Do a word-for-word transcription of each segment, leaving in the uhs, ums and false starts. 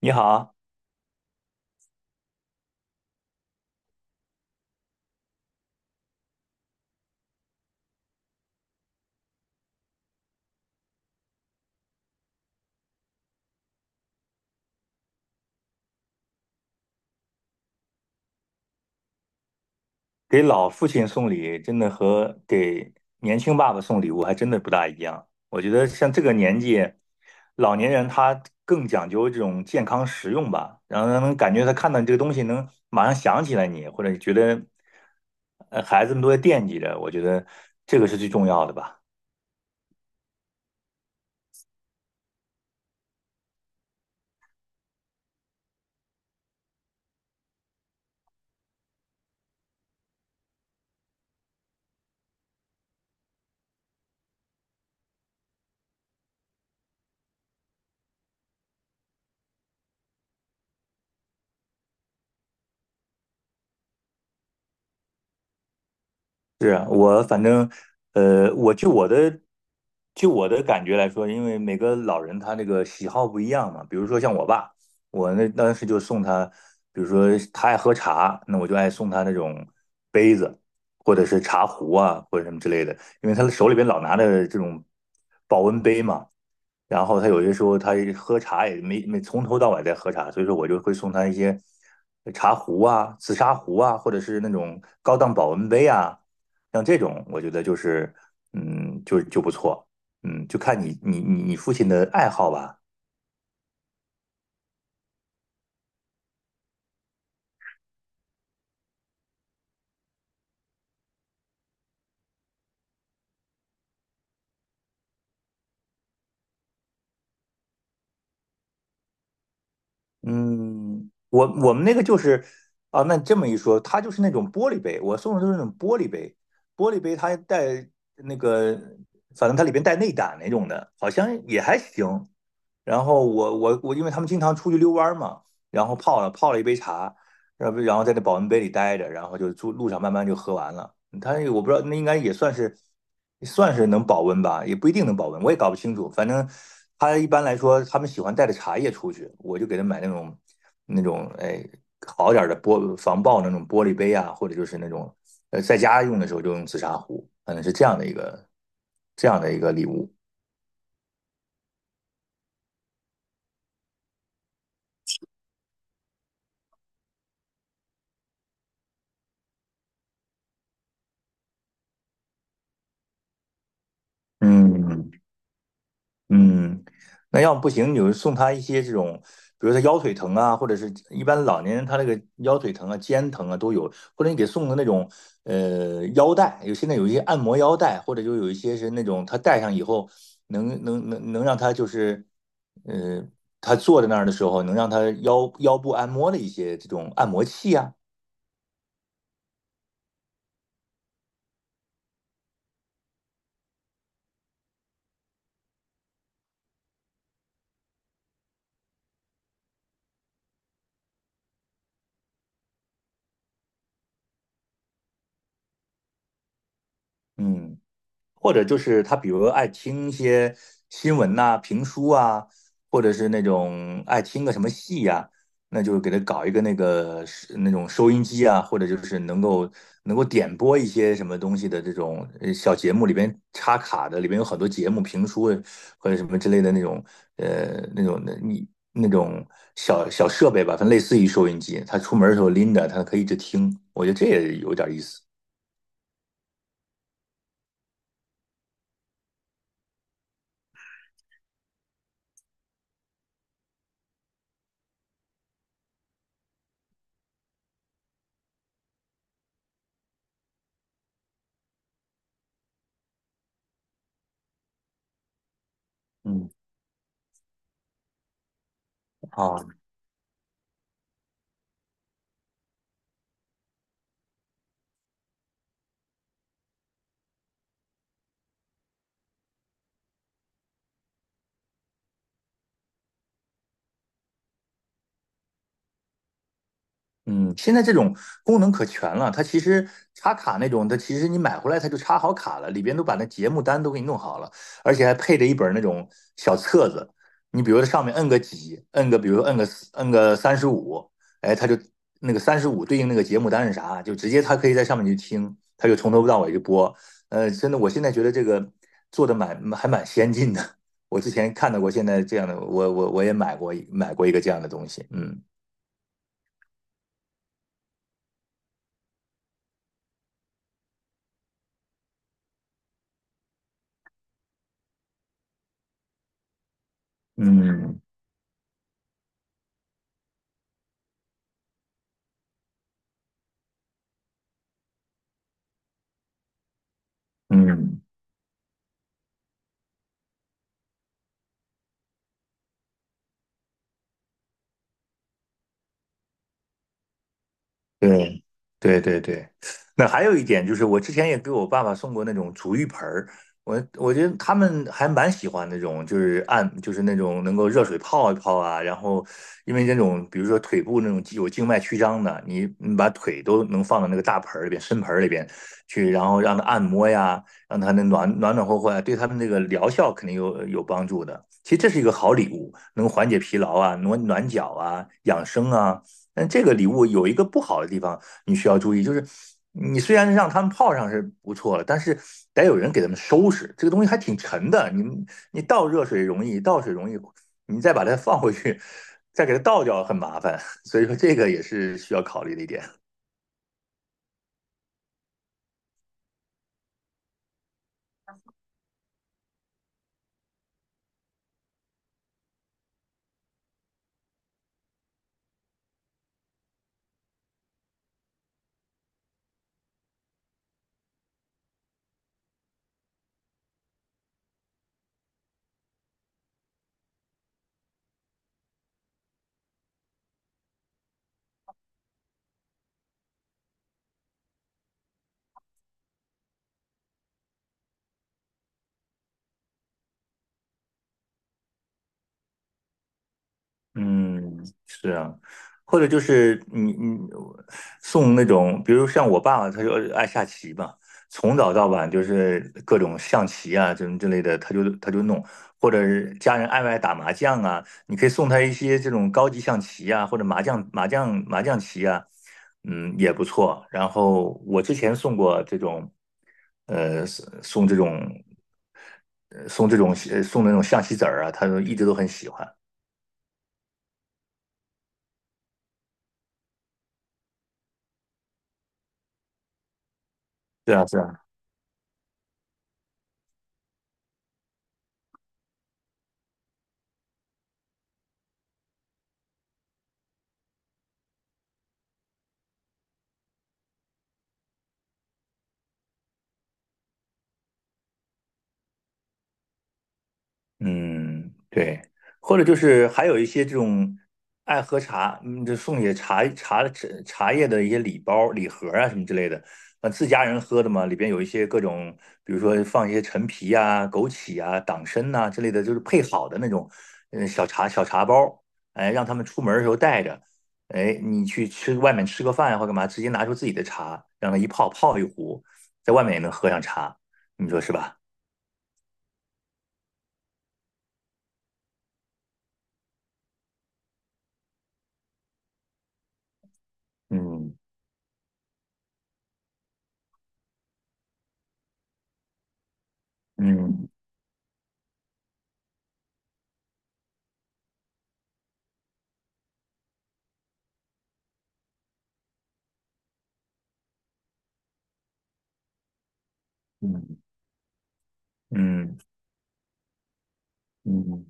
你好，给老父亲送礼，真的和给年轻爸爸送礼物还真的不大一样。我觉得像这个年纪，老年人他更讲究这种健康实用吧，然后让人感觉他看到你这个东西能马上想起来你，或者觉得呃孩子们都在惦记着，我觉得这个是最重要的吧。是啊，我反正，呃，我就我的，就我的感觉来说，因为每个老人他那个喜好不一样嘛。比如说像我爸，我那当时就送他，比如说他爱喝茶，那我就爱送他那种杯子，或者是茶壶啊，或者什么之类的，因为他手里边老拿着这种保温杯嘛。然后他有些时候他喝茶也没没从头到尾在喝茶，所以说我就会送他一些茶壶啊、紫砂壶啊，或者是那种高档保温杯啊。像这种，我觉得就是，嗯，就就不错，嗯，就看你你你你父亲的爱好吧，嗯，我我们那个就是，啊，那这么一说，它就是那种玻璃杯，我送的都是那种玻璃杯，玻璃杯它带那个，反正它里边带内胆那种的，好像也还行，然后我我我，因为他们经常出去遛弯嘛，然后泡了泡了一杯茶，然后然后在那保温杯里待着，然后就路路上慢慢就喝完了。他我不知道，那应该也算是算是能保温吧，也不一定能保温，我也搞不清楚。反正他一般来说，他们喜欢带着茶叶出去，我就给他买那种那种哎好点儿的玻防爆那种玻璃杯啊，或者就是那种呃在家用的时候就用紫砂壶，反正是这样的一个这样的一个礼物。嗯。嗯，那要不行，你就送他一些这种，比如他腰腿疼啊，或者是一般老年人他那个腰腿疼啊、肩疼啊都有，或者你给送的那种呃腰带，有现在有一些按摩腰带，或者就有一些是那种他戴上以后能能能能让他就是呃他坐在那儿的时候能让他腰腰部按摩的一些这种按摩器啊，嗯。或者就是他比如爱听一些新闻呐、评书啊，或者是那种爱听个什么戏呀、那就给他搞一个那个是那种收音机啊，或者就是能够能够点播一些什么东西的这种呃小节目，里边插卡的，里边有很多节目、评书或者什么之类的那种呃那种的你那种小小设备吧，反正类似于收音机，他出门的时候拎着，他可以一直听，我觉得这也有点意思。嗯，啊，嗯，现在这种功能可全了，它其实插卡那种，它其实你买回来它就插好卡了，里边都把那节目单都给你弄好了，而且还配着一本那种小册子。你比如说上面摁个几，摁个比如说摁个摁个三十五，哎，它就那个三十五对应那个节目单是啥，就直接它可以在上面去听，它就从头到尾就播。呃，真的，我现在觉得这个做的蛮还蛮先进的。我之前看到过现在这样的，我我我也买过买过一个这样的东西，嗯嗯嗯。对对对对，那还有一点就是，我之前也给我爸爸送过那种足浴盆儿，我我觉得他们还蛮喜欢那种，就是按就是那种能够热水泡一泡啊，然后因为那种比如说腿部那种有静脉曲张的，你你把腿都能放到那个大盆儿里边、深盆儿里边去，然后让它按摩呀，让它那暖暖暖和和呀，对他们这个疗效肯定有有帮助的。其实这是一个好礼物，能缓解疲劳啊，暖暖脚啊，养生啊。但这个礼物有一个不好的地方。你需要注意，就是你虽然让他们泡上是不错了，但是得有人给他们收拾。这个东西还挺沉的，你你倒热水容易，倒水容易，你再把它放回去，再给它倒掉很麻烦。所以说这个也是需要考虑的一点。嗯，是啊，或者就是你你送那种，比如像我爸爸，他就爱下棋嘛，从早到晚就是各种象棋啊，这种之类的，他就他就弄，或者是家人爱不爱打麻将啊，你可以送他一些这种高级象棋啊，或者麻将麻将麻将棋啊，嗯，也不错。然后我之前送过这种，呃，送送这种，呃送这种呃送那种象棋子儿啊，他都一直都很喜欢。对啊，是啊。嗯，对，或者就是还有一些这种爱喝茶，嗯，就送些茶茶茶叶的一些礼包、礼盒啊什么之类的，呃，自家人喝的嘛，里边有一些各种，比如说放一些陈皮啊、枸杞啊、党参呐、之类的，就是配好的那种，嗯，小茶小茶包，哎，让他们出门的时候带着，哎，你去吃外面吃个饭或干嘛，直接拿出自己的茶，让它一泡泡一壶，在外面也能喝上茶，你说是吧？嗯嗯嗯。嗯嗯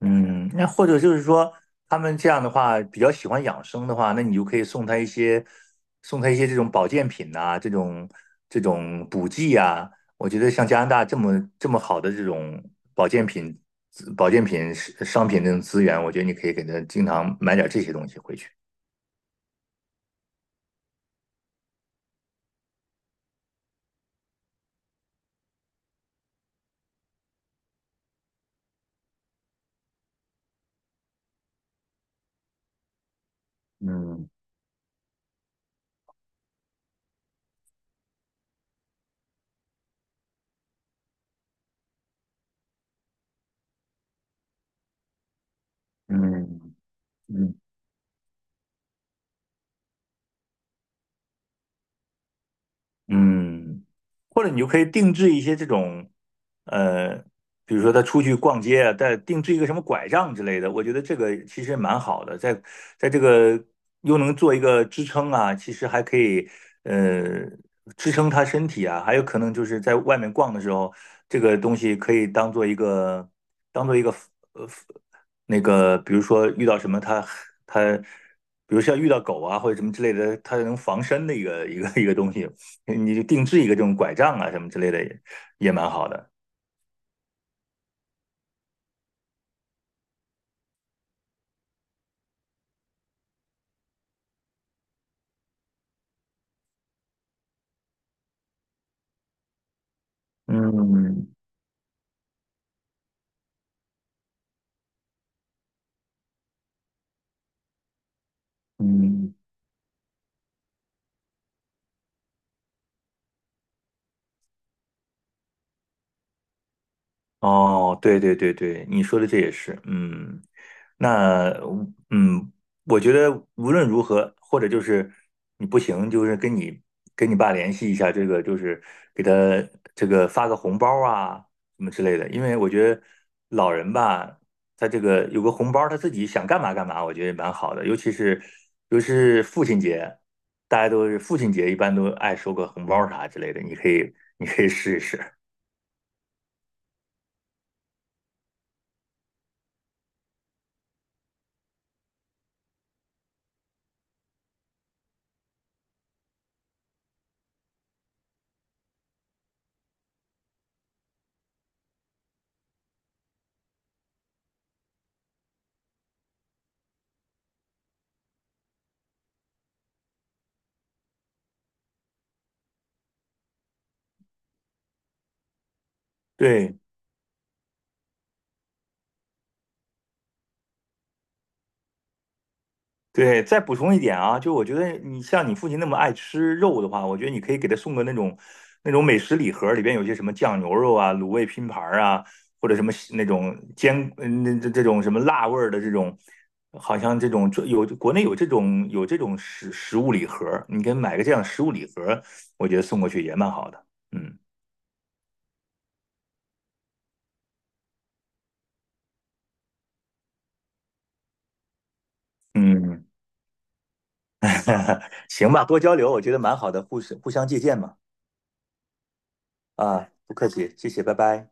嗯，那或者就是说，他们这样的话比较喜欢养生的话，那你就可以送他一些，送他一些这种保健品呐、这种这种补剂啊。我觉得像加拿大这么这么好的这种保健品、资保健品是商品这种资源，我觉得你可以给他经常买点这些东西回去。嗯嗯嗯嗯，或者你就可以定制一些这种，呃，比如说他出去逛街啊，带定制一个什么拐杖之类的，我觉得这个其实蛮好的，在在这个又能做一个支撑啊，其实还可以呃支撑他身体啊，还有可能就是在外面逛的时候，这个东西可以当做一个当做一个呃那个，比如说遇到什么他他，比如像遇到狗啊或者什么之类的，它能防身的一个一个一个东西。你就定制一个这种拐杖啊什么之类的也也蛮好的。嗯嗯，哦，对对对对，你说的这也是，嗯，那嗯，我觉得无论如何，或者就是你不行，就是跟你跟你爸联系一下，这个就是给他这个发个红包啊什么之类的，因为我觉得老人吧，他这个有个红包，他自己想干嘛干嘛，我觉得也蛮好的，尤其是尤其是父亲节，大家都是父亲节一般都爱收个红包啥之类的，你可以你可以试一试，对。对，再补充一点啊，就我觉得你像你父亲那么爱吃肉的话，我觉得你可以给他送个那种那种美食礼盒，里边有些什么酱牛肉啊、卤味拼盘啊，或者什么那种煎嗯那这这种什么辣味儿的这种，好像这种有国内有这种有这种食食物礼盒，你给买个这样的食物礼盒，我觉得送过去也蛮好的。嗯嗯，行吧，多交流，我觉得蛮好的，互相互相借鉴嘛。啊，不客气，谢谢，拜拜。